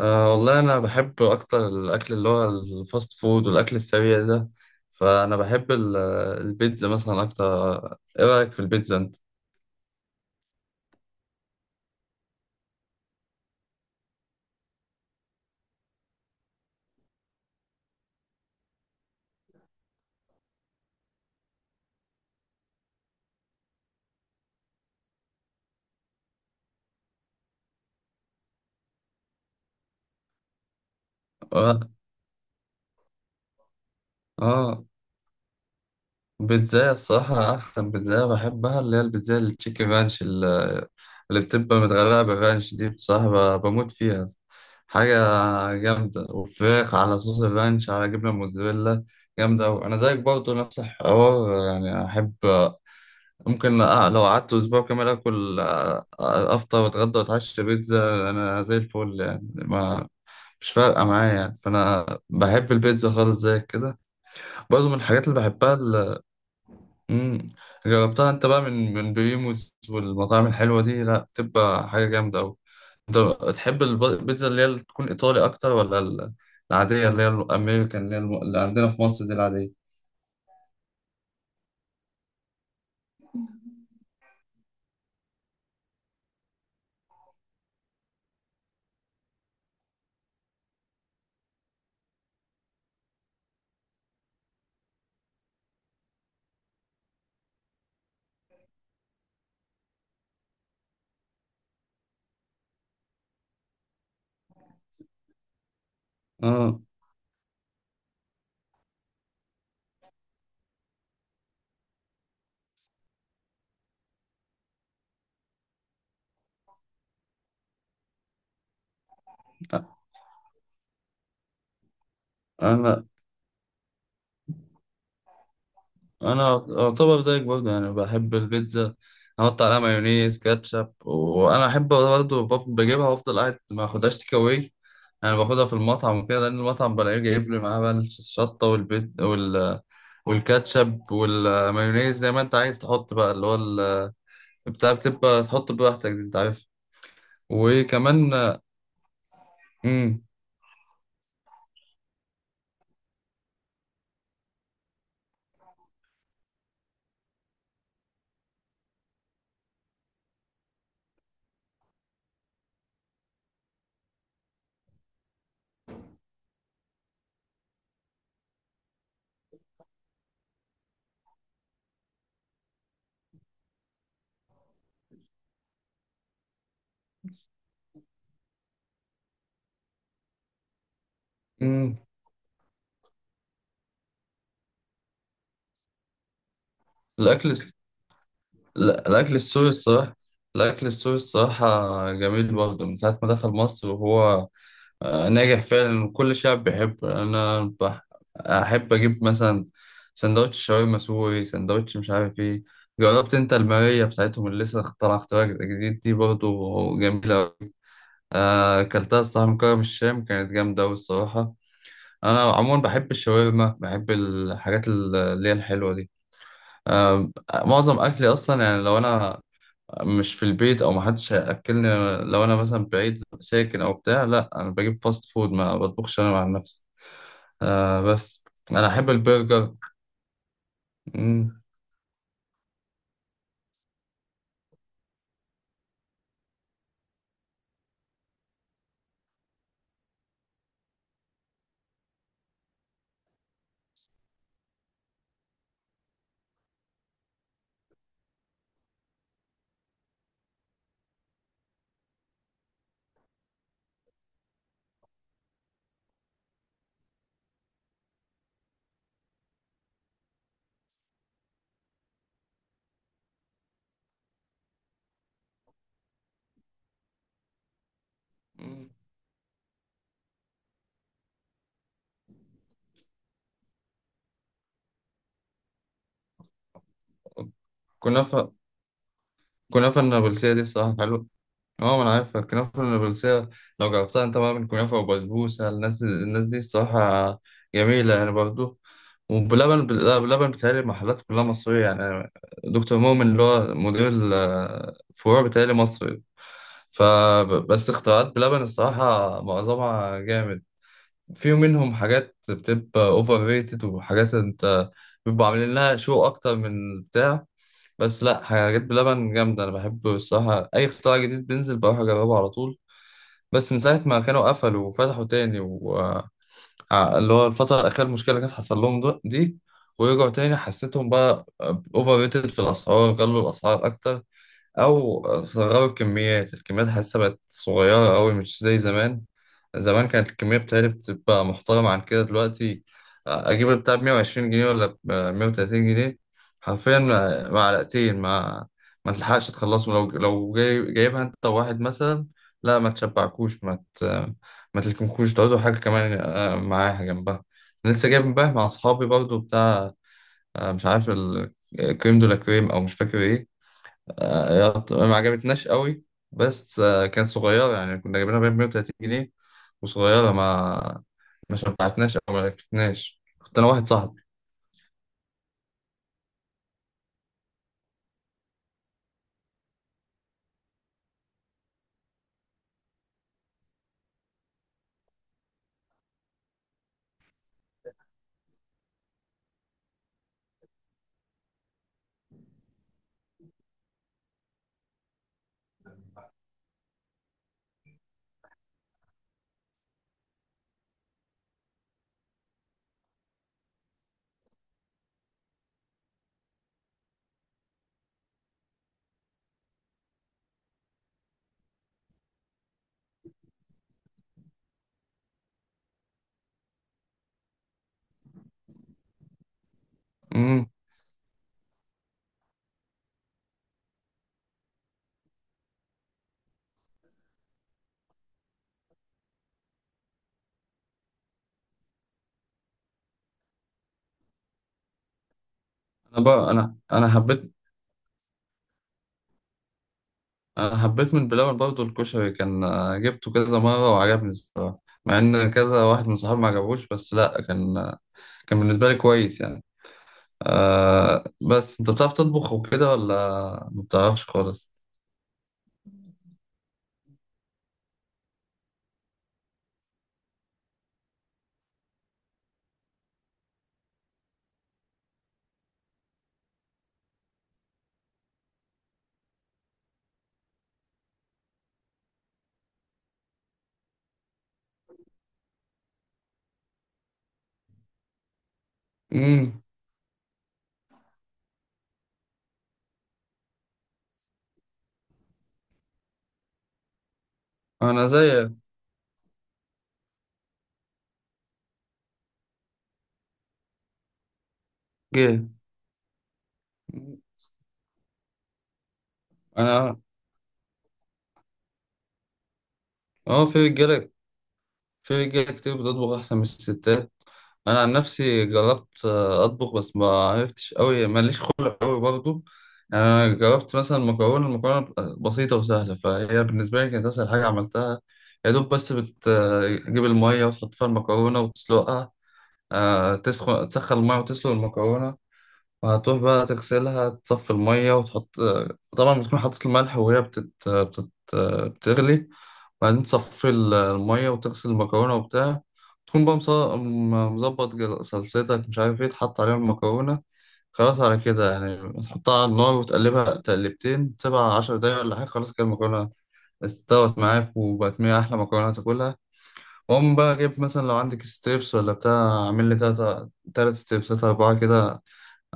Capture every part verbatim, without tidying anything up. أه والله أنا بحب أكتر الأكل اللي هو الفاست فود والأكل السريع ده. فأنا بحب ال- البيتزا مثلا أكتر. إيه رأيك في البيتزا أنت؟ آه آه، بيتزاية الصراحة أحسن بيتزاية بحبها اللي هي البيتزاية التشيكن رانش ال- اللي بتبقى متغرقة بالرانش دي بصراحة ب- بموت فيها. حاجة جامدة وفراخ على صوص الرانش على جبنة موزاريلا جامدة أوي. أنا زيك برضه نفس الحوار، يعني أحب. ممكن أ- لو قعدت اسبوع كامل اكل أ- أ- افطر واتغدى واتعشى بيتزا انا زي الفل، يعني ما مش فارقه معايا، يعني فانا بحب البيتزا خالص زي كده. برضه من الحاجات اللي بحبها ال- مم. جربتها انت بقى من من بريموز والمطاعم الحلوه دي؟ لا بتبقى حاجه جامده قوي. انت تحب الب- البيتزا اللي هي اللي تكون ايطالي اكتر ولا ال- العاديه اللي هي الامريكان اللي هي الم- اللي عندنا في مصر دي العاديه؟ اه، انا انا اعتبر زيك برضه، يعني بحب البيتزا، احط عليها مايونيز كاتشب. وانا احب برضه بف- بجيبها وافضل قاعد ما اخدهاش تيك اواي. انا باخدها في المطعم وكده، لان المطعم بلاقيه جايب لي معاه بقى الشطه والبيت وال والكاتشب والمايونيز زي ما انت عايز تحط بقى اللي هو ال- بتاع بتبقى تحط براحتك دي، انت عارف. وكمان امم. امم. الاكل الس- لا، الاكل السوري الصراحه، الاكل السوري الصراحه جميل برضه. من ساعه ما دخل مصر وهو آه، ناجح فعلا وكل شعب بيحبه. انا بح... احب اجيب مثلا سندوتش شاورما سوري، سندوتش مش عارف ايه. جربت انت الماريه بتاعتهم اللي لسه طالعه اختراع جديد دي؟ برضه جميله أوي. آه، اكلتها الصراحه من كرم الشام، كانت جامده أوي الصراحه. انا عموما بحب الشاورما، بحب الحاجات اللي هي الحلوه دي. آه، معظم اكلي اصلا، يعني لو انا مش في البيت او محدش هياكلني، لو انا مثلا بعيد ساكن او بتاع، لا انا بجيب فاست فود، ما بطبخش انا مع نفسي. آه بس أنا أحب البرجر. مم. مم. كنافة. كنافة النابلسية دي الصراحة حلوة. اه، ما أنا عارفها الكنافة النابلسية. لو جربتها أنت بقى من كنافة وبسبوسة، الناس الناس دي الصراحة جميلة يعني برضه. وبلبن بل- لا، بلبن بتهيألي المحلات كلها مصرية يعني. دكتور مؤمن اللي هو مدير الفروع بتهيألي مصري. فبس اختراعات بلبن الصراحة معظمها جامد. في منهم حاجات بتبقى اوفر ريتد وحاجات انت بيبقوا عاملين لها شو اكتر من البتاع. بس لا، حاجات بلبن جامده، انا بحب الصراحه اي اختراع جديد بينزل بروح اجربه على طول. بس من ساعه ما كانوا قفلوا وفتحوا تاني و... ع- اللي هو الفتره الاخيره المشكله اللي كانت حصل لهم ده- دي، ورجعوا تاني حسيتهم بقى اوفر ريتد في الاسعار، غلوا الاسعار اكتر او صغروا الكميات. الكميات حاسه بقت صغيره قوي مش زي زمان. زمان كانت الكمية بتاعتي بتبقى محترمة عن كده دلوقتي. أجيب البتاع بمية وعشرين جنيه ولا بمية وتلاتين جنيه حرفيا مع- معلقتين، ما ما تلحقش تخلصهم. لو لو جاي جايبها أنت واحد مثلا، لا ما تشبعكوش، ما ت... ما تلكمكوش، تعوزوا حاجة كمان آه، معاها جنبها. أنا لسه جايب امبارح مع أصحابي برضو بتاع، آه، مش عارف الكريم دولا كريم أو مش فاكر إيه. آه، يط- ما عجبتناش قوي. بس آه، كانت صغيرة يعني، كنا جايبينها ب مية وتلاتين جنيه وصغيرة، ما ما شبعتناش أو ما عرفتناش، كنت أنا واحد صاحبي. أمم. أنا بقى أنا أنا حبيت. أنا حبيت من بلبن برضه الكشري، كان آه، جبته كذا مرة وعجبني الصراحة، مع إن كذا واحد من صحابي ما عجبوش، بس لأ كان آه، كان بالنسبة لي كويس يعني. آه بس أنت بتعرف تطبخ وكده ولا ما بتعرفش خالص؟ أمم. أنا زيك. جه. أنا اه في رجاله، في رجاله كتير بتطبخ احسن من الستات. انا عن نفسي جربت آه، اطبخ بس ما عرفتش قوي، ماليش خلق قوي برضو. يعني انا جربت مثلا مكرونه، المكرونه بتبقى بسيطه وسهله، فهي بالنسبه لي كانت اسهل حاجه عملتها. يا دوب بس بتجيب الميه وتحط فيها المكرونه وتسلقها. آه، تسخن تسخن الميه وتسلق المكرونه، وهتروح بقى تغسلها، تصفي الميه وتحط آه، طبعا بتكون حاطط الملح وهي بتت... بتت... بتغلي. بعدين تصفي ال- المية وتغسل المكرونة وبتاع، تكون بقى مص- م- مظبط جل- صلصتك مش عارف ايه تحط عليها المكرونة. خلاص على كده يعني، تحطها على النار وتقلبها تقلبتين، تسيبها عشر دقايق ولا حاجة، خلاص كده المكرونة استوت معاك وبقت من أحلى مكرونة هتاكلها. وأقوم بقى جايب مثلا لو عندك ستريبس ولا بتاع، أعمل لي تلاتة تلات ستريبسات أربعة كده،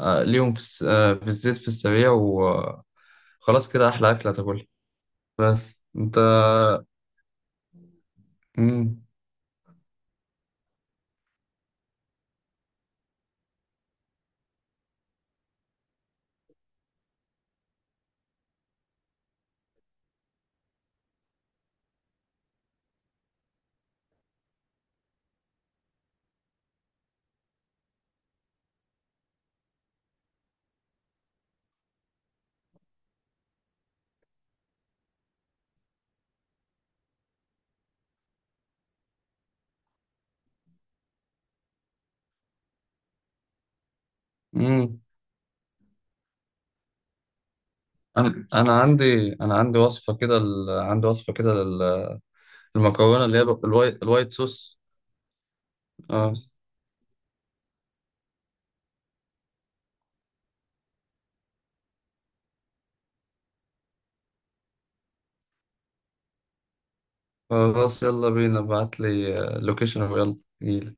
آه، ليهم في, الس... آه، في الزيت في السريع وخلاص كده أحلى أكلة هتاكلها. بس أنت مم. مم. انا انا عندي، انا عندي وصفه كده ال... عندي وصفه كده لل- للمكرونه اللي هي ب- الواي... الوايت صوص. اه خلاص يلا بينا، ابعت لي لوكيشن ويلا.